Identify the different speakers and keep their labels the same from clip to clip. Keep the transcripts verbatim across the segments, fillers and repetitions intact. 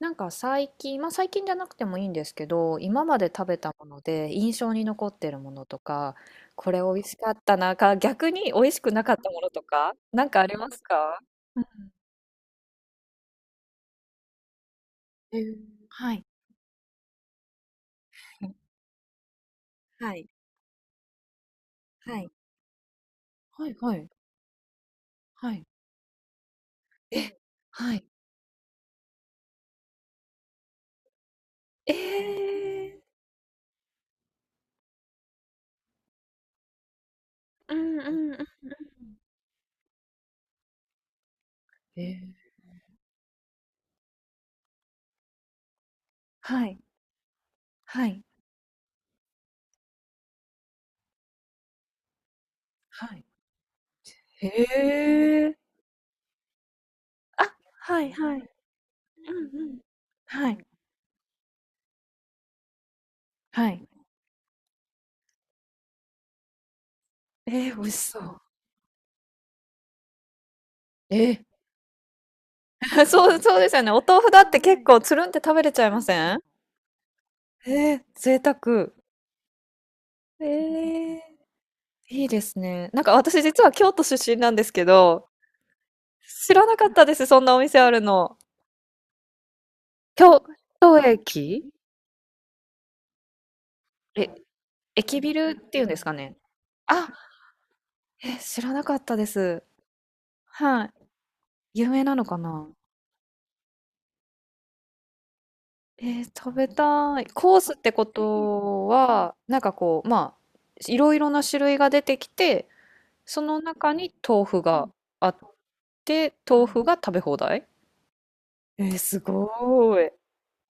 Speaker 1: なんか最近、まあ最近じゃなくてもいいんですけど、今まで食べたもので印象に残ってるものとか、これ美味しかったなか、逆に美味しくなかったものとか、なんかありますか？えー、はい、はい、はい。はい、はい、はい。え、はい。えー、えー、はい、はい。はい。へえ。あ、はい、はい。はい、はい。えー、美味しそう。えー、そう、そうですよね。お豆腐だって結構つるんって食べれちゃいません？ええ、贅沢。ええ、いいですね。なんか私実は京都出身なんですけど、知らなかったです、そんなお店あるの。京都駅え、駅ビルっていうんですかね？あ、え、知らなかったです。はい。有名なのかな？えー、食べたい。コースってことは、なんかこう、まあ、いろいろな種類が出てきて、その中に豆腐があって、豆腐が食べ放題？えー、すごーい。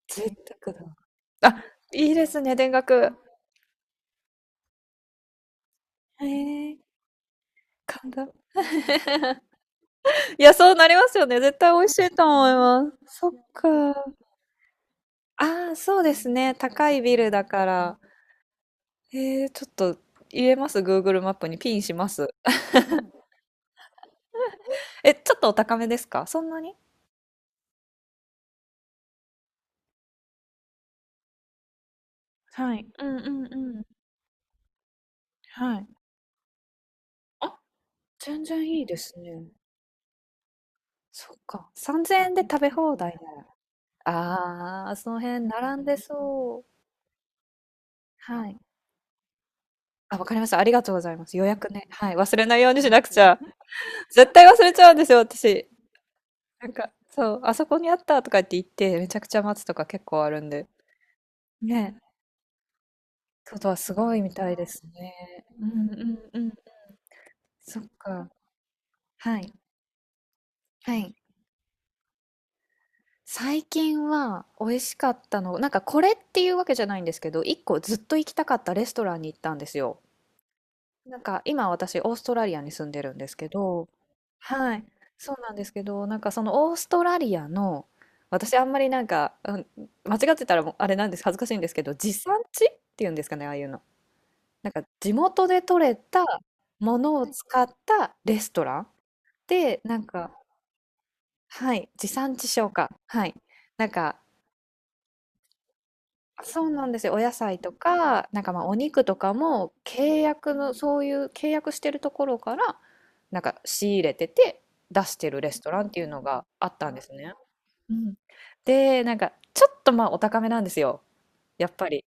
Speaker 1: 贅沢だ。あ、いいですね、田楽。へえ、感動。いや、そうなりますよね。絶対美味しいと思います。そっか。ああ、そうですね。高いビルだから。えー、ちょっと入れます、 Google マップにピンします。え、ちょっとお高めですか、そんなに？はい。うんうんうん。はい。あ、全然いいですね。そっか。?さんぜん 円で食べ放題なら。ああ、その辺並んでそう。はい。あ、わかりました。ありがとうございます。予約ね。はい。忘れないようにしなくちゃ。絶対忘れちゃうんですよ、私。なんか、そう、あそこにあったとかって言って、めちゃくちゃ待つとか結構あるんで。ね。外はすごいみたいですね。うんうんうん。そっか。はい。はい。最近は美味しかったの、なんかこれっていうわけじゃないんですけど、一個ずっと行きたかったレストランに行ったんですよ。なんか今私オーストラリアに住んでるんですけど、はい、そうなんですけど、なんかそのオーストラリアの、私あんまりなんか、うん、間違ってたらもうあれなんです、恥ずかしいんですけど、地産地っていうんですかね、ああいうの。なんか地元で採れたものを使ったレストランで、なんか、はい、地産地消か。はい。なんか、そうなんですよ。お野菜とか、なんかまあお肉とかも契約の、そういう契約してるところから、なんか仕入れてて出してるレストランっていうのがあったんですね。うん。で、なんか、ちょっとまあお高めなんですよ。やっぱり。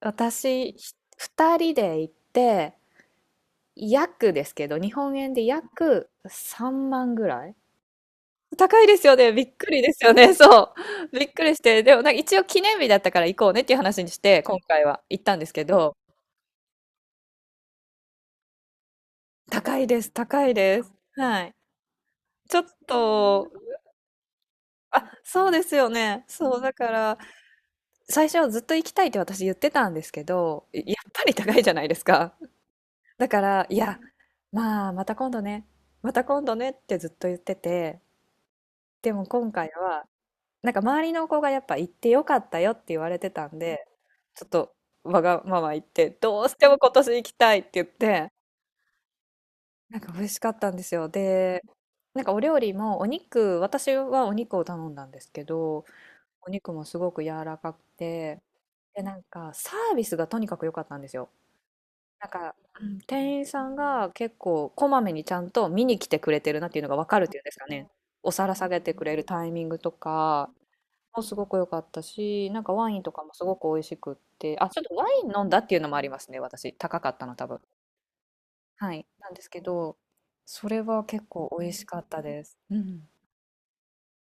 Speaker 1: 私、ひふたりで行って、約ですけど、日本円で約さんまんぐらい。高いですよね。びっくりですよね。そう。びっくりして。でも、なんか一応記念日だったから行こうねっていう話にして、今回は行ったんですけど、高いです。高いです。はい。ちょっと、あ、そうですよね。そう、だから、最初ずっと行きたいって私言ってたんですけど、やっぱり高いじゃないですか。だから、いや、まあ、また今度ね、また今度ねってずっと言ってて、でも今回は、なんか周りの子がやっぱ行ってよかったよって言われてたんで、ちょっとわがまま言って、どうしても今年行きたいって言って、なんか美味しかったんですよ。で、なんかお料理もお肉、私はお肉を頼んだんですけど、お肉もすごく柔らかくて、で、なんかサービスがとにかく良かったんですよ。なんか、うん、店員さんが結構こまめにちゃんと見に来てくれてるなっていうのがわかるっていうんですかね。お皿下げてくれるタイミングとかもすごく良かったし、なんかワインとかもすごく美味しくって、あ、ちょっとワイン飲んだっていうのもありますね、私。高かったの多分。はい。なんですけど、それは結構美味しかったです。うん。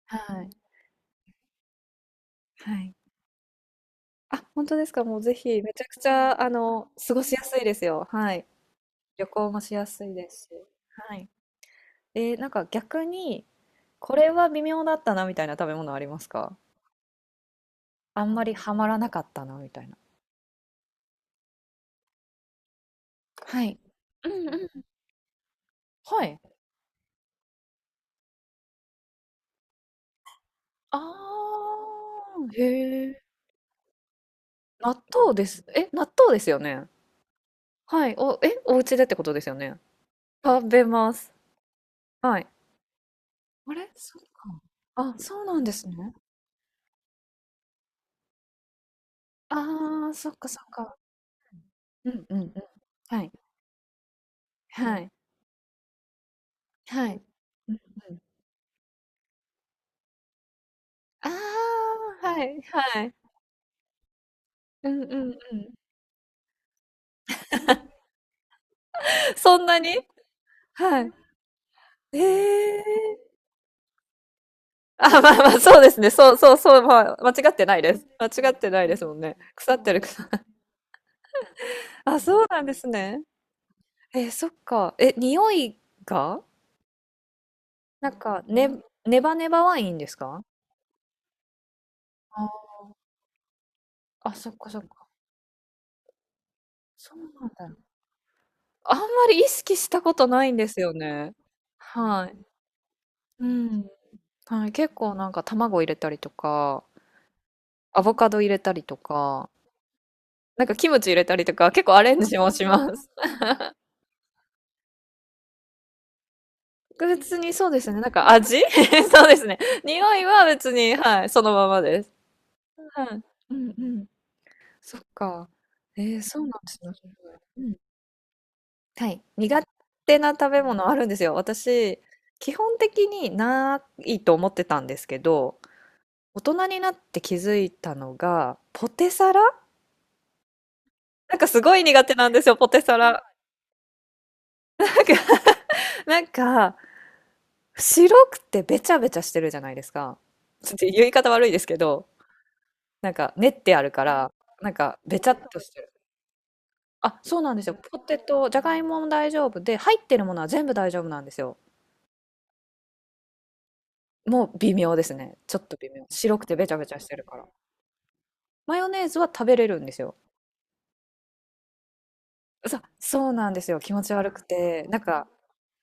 Speaker 1: はい。はい。あ、本当ですか。もうぜひ、めちゃくちゃ、あの、過ごしやすいですよ。はい。旅行もしやすいですし。はい。えーなんか逆に、これは微妙だったなみたいな食べ物ありますか？あんまりハマらなかったなみたいな。はい。うんうん。はい。ああ、へえ。納豆です。え、納豆ですよね。はい。お、え、お家でってことですよね。食べます。はい。あれそっか。あ、そうなんですね。ああ、そっかそっか。うんうんうん。はい。はい。はい。うんうん。ああ、はい。はい。うんうんうん。そんなに？はい。ええ、あ、まあまあ、そうですね。そうそうそう、まあ、間違ってないです。間違ってないですもんね。腐ってる、腐 あ、そうなんですね。えーそっか。え、匂いがなんか、ね、ネバネバワインですか？あ、そっかそっか。そうなんだ。あんまり意識したことないんですよね。はい。うん。はい。結構なんか卵入れたりとか、アボカド入れたりとか、なんかキムチ入れたりとか、結構アレンジもします。別にそうですね。なんか味 そうですね。匂いは別に、はい、そのままです。はい。うんうん。そっか。えー、そうなんですね。うん。はい。苦手な食べ物あるんですよ。私、基本的にないと思ってたんですけど、大人になって気づいたのが、ポテサラなんかすごい苦手なんですよ、ポテサラ。なんか、なんか、白くてべちゃべちゃしてるじゃないですか。ちょっと言い方悪いですけど、なんか練ってあるから、なんかべちゃっとしてる。あ、そうなんですよ。ポテト、じゃがいもも大丈夫で、入ってるものは全部大丈夫なんですよ。もう微妙ですね。ちょっと微妙。白くてべちゃべちゃしてるから。マヨネーズは食べれるんですよ。さ、そうなんですよ。気持ち悪くて。なんか、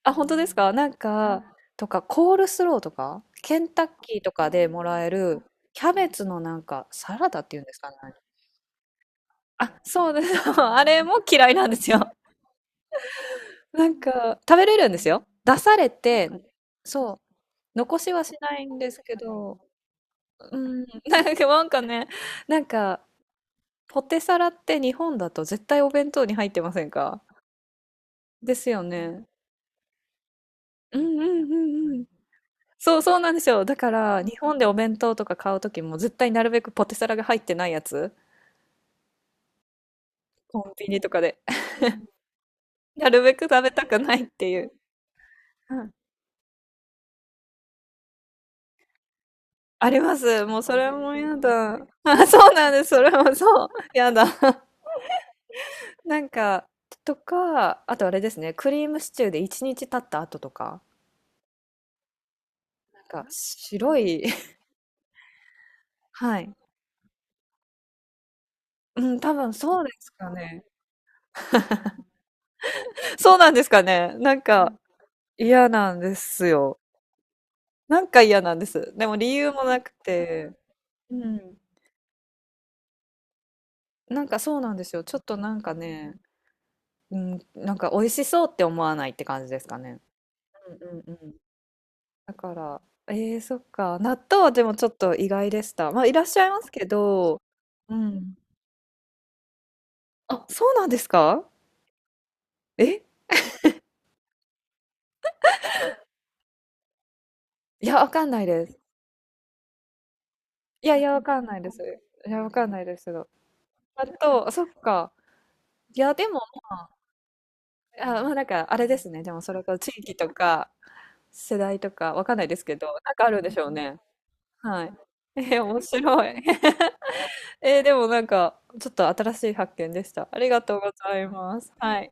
Speaker 1: あ、本当ですか？なんか、とか、コールスローとか、ケンタッキーとかでもらえる、キャベツのなんか、サラダっていうんですかね。あ、そうです。あれも嫌いなんですよ。なんか、食べれるんですよ。出されて、そう。残しはしないんですけど、うん、なんか、なんかね、なんか、ポテサラって日本だと絶対お弁当に入ってませんか？ですよね。うんうんうんうん。そうそうなんですよ。だから、日本でお弁当とか買うときも絶対なるべくポテサラが入ってないやつ、コンビニとかで。なるべく食べたくないっていう。うん、あります。もうそれもやだ。あ、そうなんです。それもそう。やだ。なんか、とか、あとあれですね、クリームシチューでいちにち経った後とか、なんか白い はい。うん、多分そうですかね。そうなんですかね。なんか嫌なんですよ。なんか嫌なんです。でも理由もなくて、うん。なんかそうなんですよ。ちょっとなんかね、うん、なんか美味しそうって思わないって感じですかね。うんうんうん。だから、えー、そっか。納豆はでもちょっと意外でした。まあ、いらっしゃいますけど、うん。あ、そうなんですか？えいや、わかんないです。いやいや、わかんないです。いや、わかんないですけど。あと、そっか。いや、でもまあ、あ、まあなんか、あれですね。でも、それから地域とか、世代とか、わかんないですけど、なんかあるんでしょうね。はい。えー、面白い。えー、でもなんか、ちょっと新しい発見でした。ありがとうございます。はい。